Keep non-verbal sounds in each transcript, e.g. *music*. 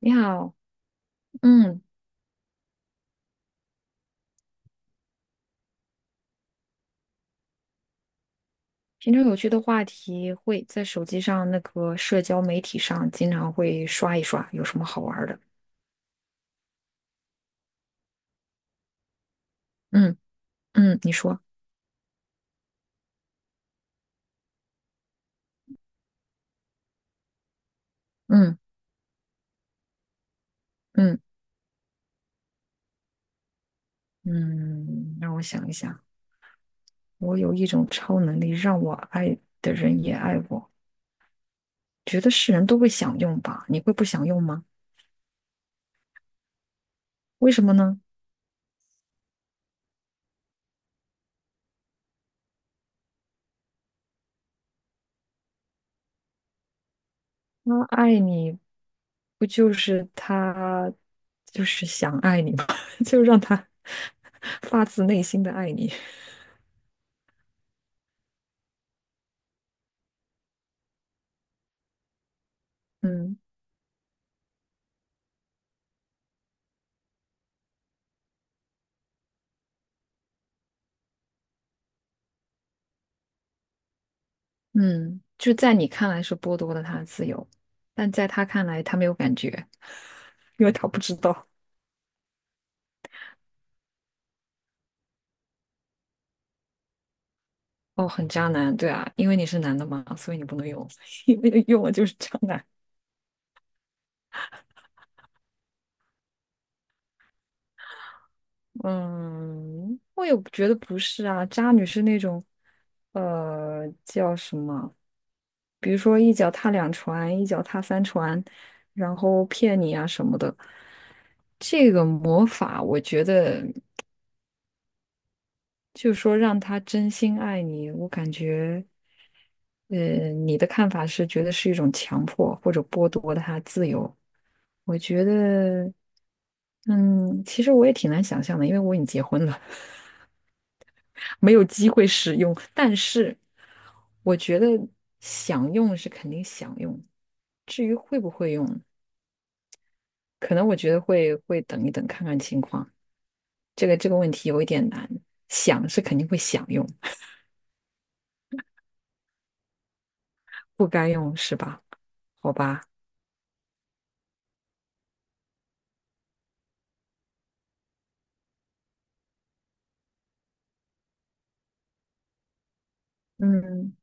你好，嗯，平常有趣的话题会在手机上那个社交媒体上经常会刷一刷，有什么好玩儿的？嗯嗯，你说，嗯嗯嗯，让我想一想，我有一种超能力，让我爱的人也爱我，觉得是人都会想用吧？你会不想用吗？为什么呢？他爱你，不就是他就是想爱你吗？*laughs* 就让他 *laughs* 发自内心的爱你，嗯。嗯，就在你看来是剥夺了他的自由，但在他看来他没有感觉，因为他不知道。哦，很渣男，对啊，因为你是男的嘛，所以你不能用，*laughs* 因为用了就是渣男。嗯，我也觉得不是啊，渣女是那种，叫什么？比如说一脚踏两船，一脚踏三船，然后骗你啊什么的。这个魔法，我觉得就是说让他真心爱你，我感觉。呃，你的看法是觉得是一种强迫或者剥夺他自由？我觉得，嗯，其实我也挺难想象的，因为我已经结婚了，*laughs* 没有机会使用。但是，我觉得想用是肯定想用，至于会不会用，可能我觉得会等一等看看情况。这个问题有一点难，想是肯定会想用，不该用是吧？好吧，嗯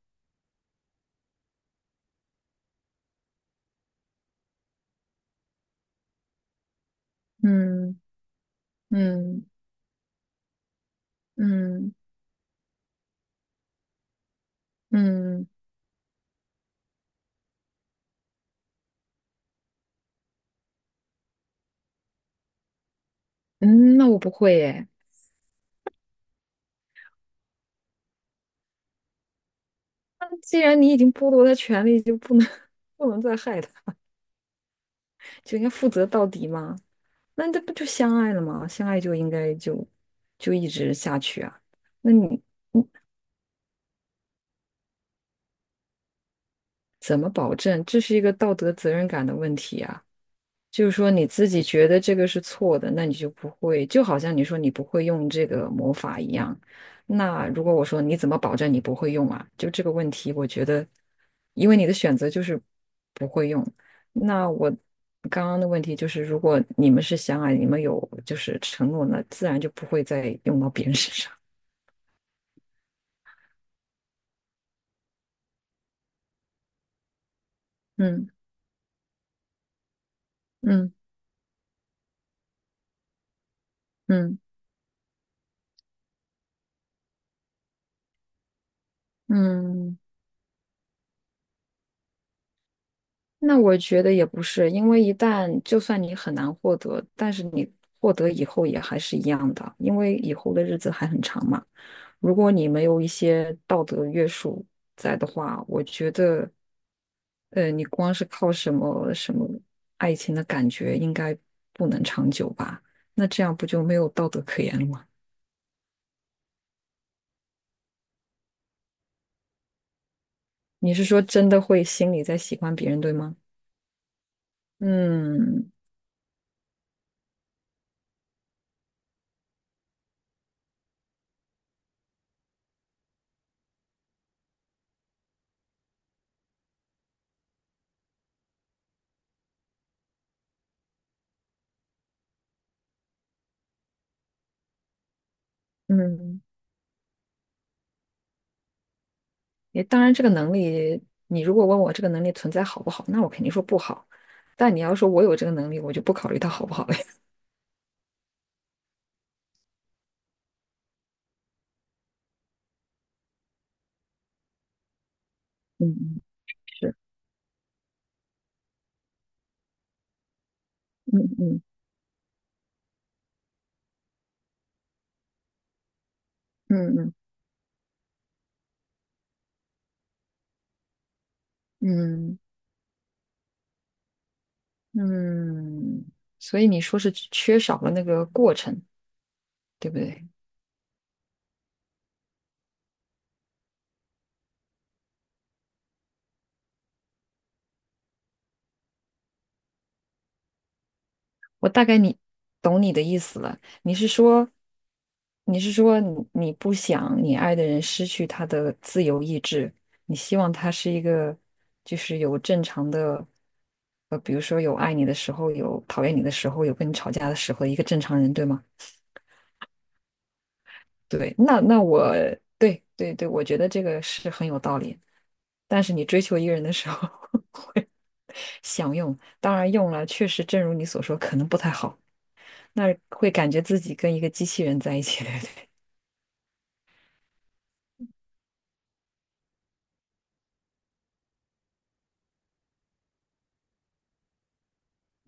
嗯嗯嗯。嗯嗯，那我不会耶。那既然你已经剥夺他权利，就不能 *laughs* 不能再害他，就应该负责到底嘛。那这不就相爱了吗？相爱就应该就一直下去啊。那你怎么保证？这是一个道德责任感的问题啊。就是说你自己觉得这个是错的，那你就不会，就好像你说你不会用这个魔法一样。那如果我说你怎么保证你不会用啊？就这个问题，我觉得，因为你的选择就是不会用。那我刚刚的问题就是，如果你们是相爱，你们有就是承诺，那自然就不会再用到别人身上。嗯嗯嗯嗯。那我觉得也不是，因为一旦就算你很难获得，但是你获得以后也还是一样的，因为以后的日子还很长嘛。如果你没有一些道德约束在的话，我觉得，你光是靠什么什么爱情的感觉，应该不能长久吧？那这样不就没有道德可言了吗？你是说真的会心里在喜欢别人，对吗？嗯嗯，也当然，这个能力，你如果问我这个能力存在好不好，那我肯定说不好。但你要说我有这个能力，我就不考虑它好不好了。*laughs* 嗯嗯，是，嗯嗯嗯嗯嗯嗯，所以你说是缺少了那个过程，对不对？我大概你懂你的意思了。你是说，你是说你不想你爱的人失去他的自由意志，你希望他是一个就是有正常的，比如说有爱你的时候，有讨厌你的时候，有跟你吵架的时候，一个正常人，对吗？对，那我对对对，我觉得这个是很有道理。但是你追求一个人的时候 *laughs* 会想用，当然用了，确实正如你所说，可能不太好。那会感觉自己跟一个机器人在一起，对不对？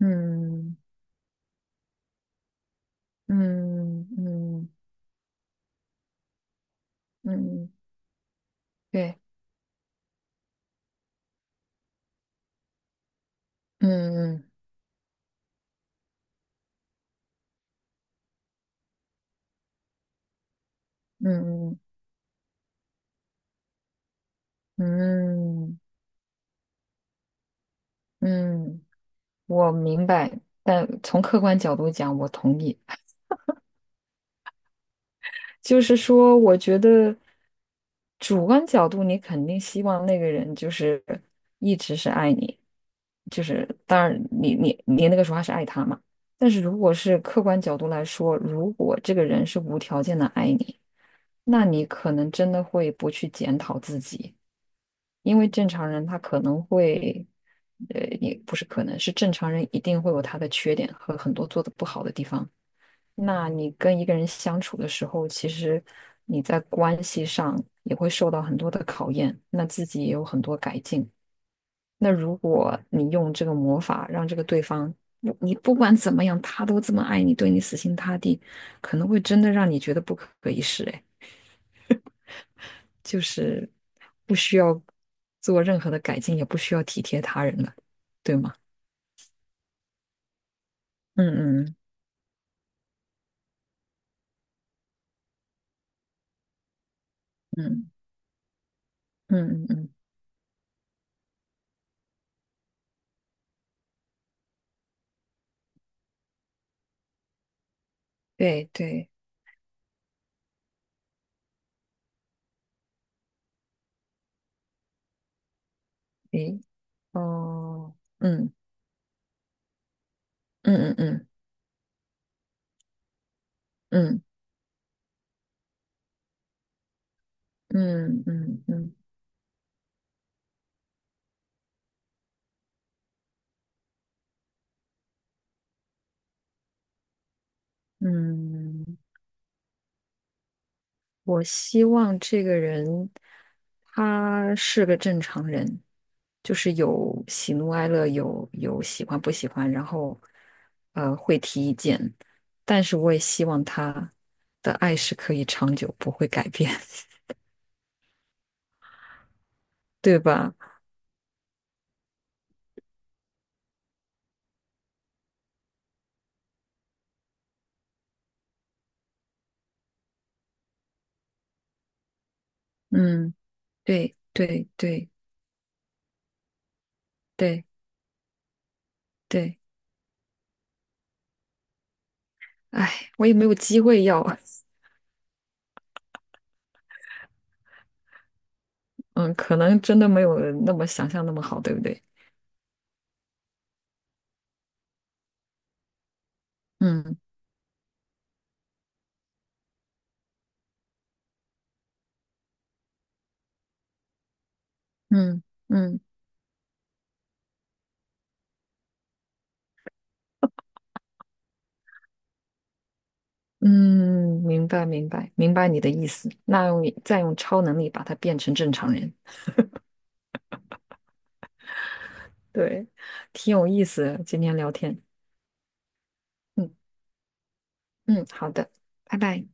*laughs* 嗯嗯嗯嗯，对，嗯嗯嗯嗯嗯，我明白。但从客观角度讲，我同意。就是说，我觉得主观角度，你肯定希望那个人就是一直是爱你，就是当然你那个时候还是爱他嘛。但是如果是客观角度来说，如果这个人是无条件的爱你。那你可能真的会不去检讨自己，因为正常人他可能会，也不是可能，是正常人一定会有他的缺点和很多做的不好的地方。那你跟一个人相处的时候，其实你在关系上也会受到很多的考验，那自己也有很多改进。那如果你用这个魔法让这个对方，不你不管怎么样，他都这么爱你，对你死心塌地，可能会真的让你觉得不可一世。哎。就是不需要做任何的改进，也不需要体贴他人了，对吗？嗯嗯嗯嗯嗯嗯，对对，诶，哦，嗯嗯嗯嗯嗯嗯嗯嗯嗯，我希望这个人他是个正常人，就是有喜怒哀乐，有喜欢不喜欢，然后会提意见，但是我也希望他的爱是可以长久，不会改变，*laughs* 对吧？嗯，对对对对对，哎，我也没有机会要，*laughs* 嗯，可能真的没有那么想象那么好，对不对？嗯嗯嗯。嗯，明白明白明白你的意思。那再用超能力把它变成正常人，对，挺有意思的。今天聊天，嗯嗯，好的，拜拜。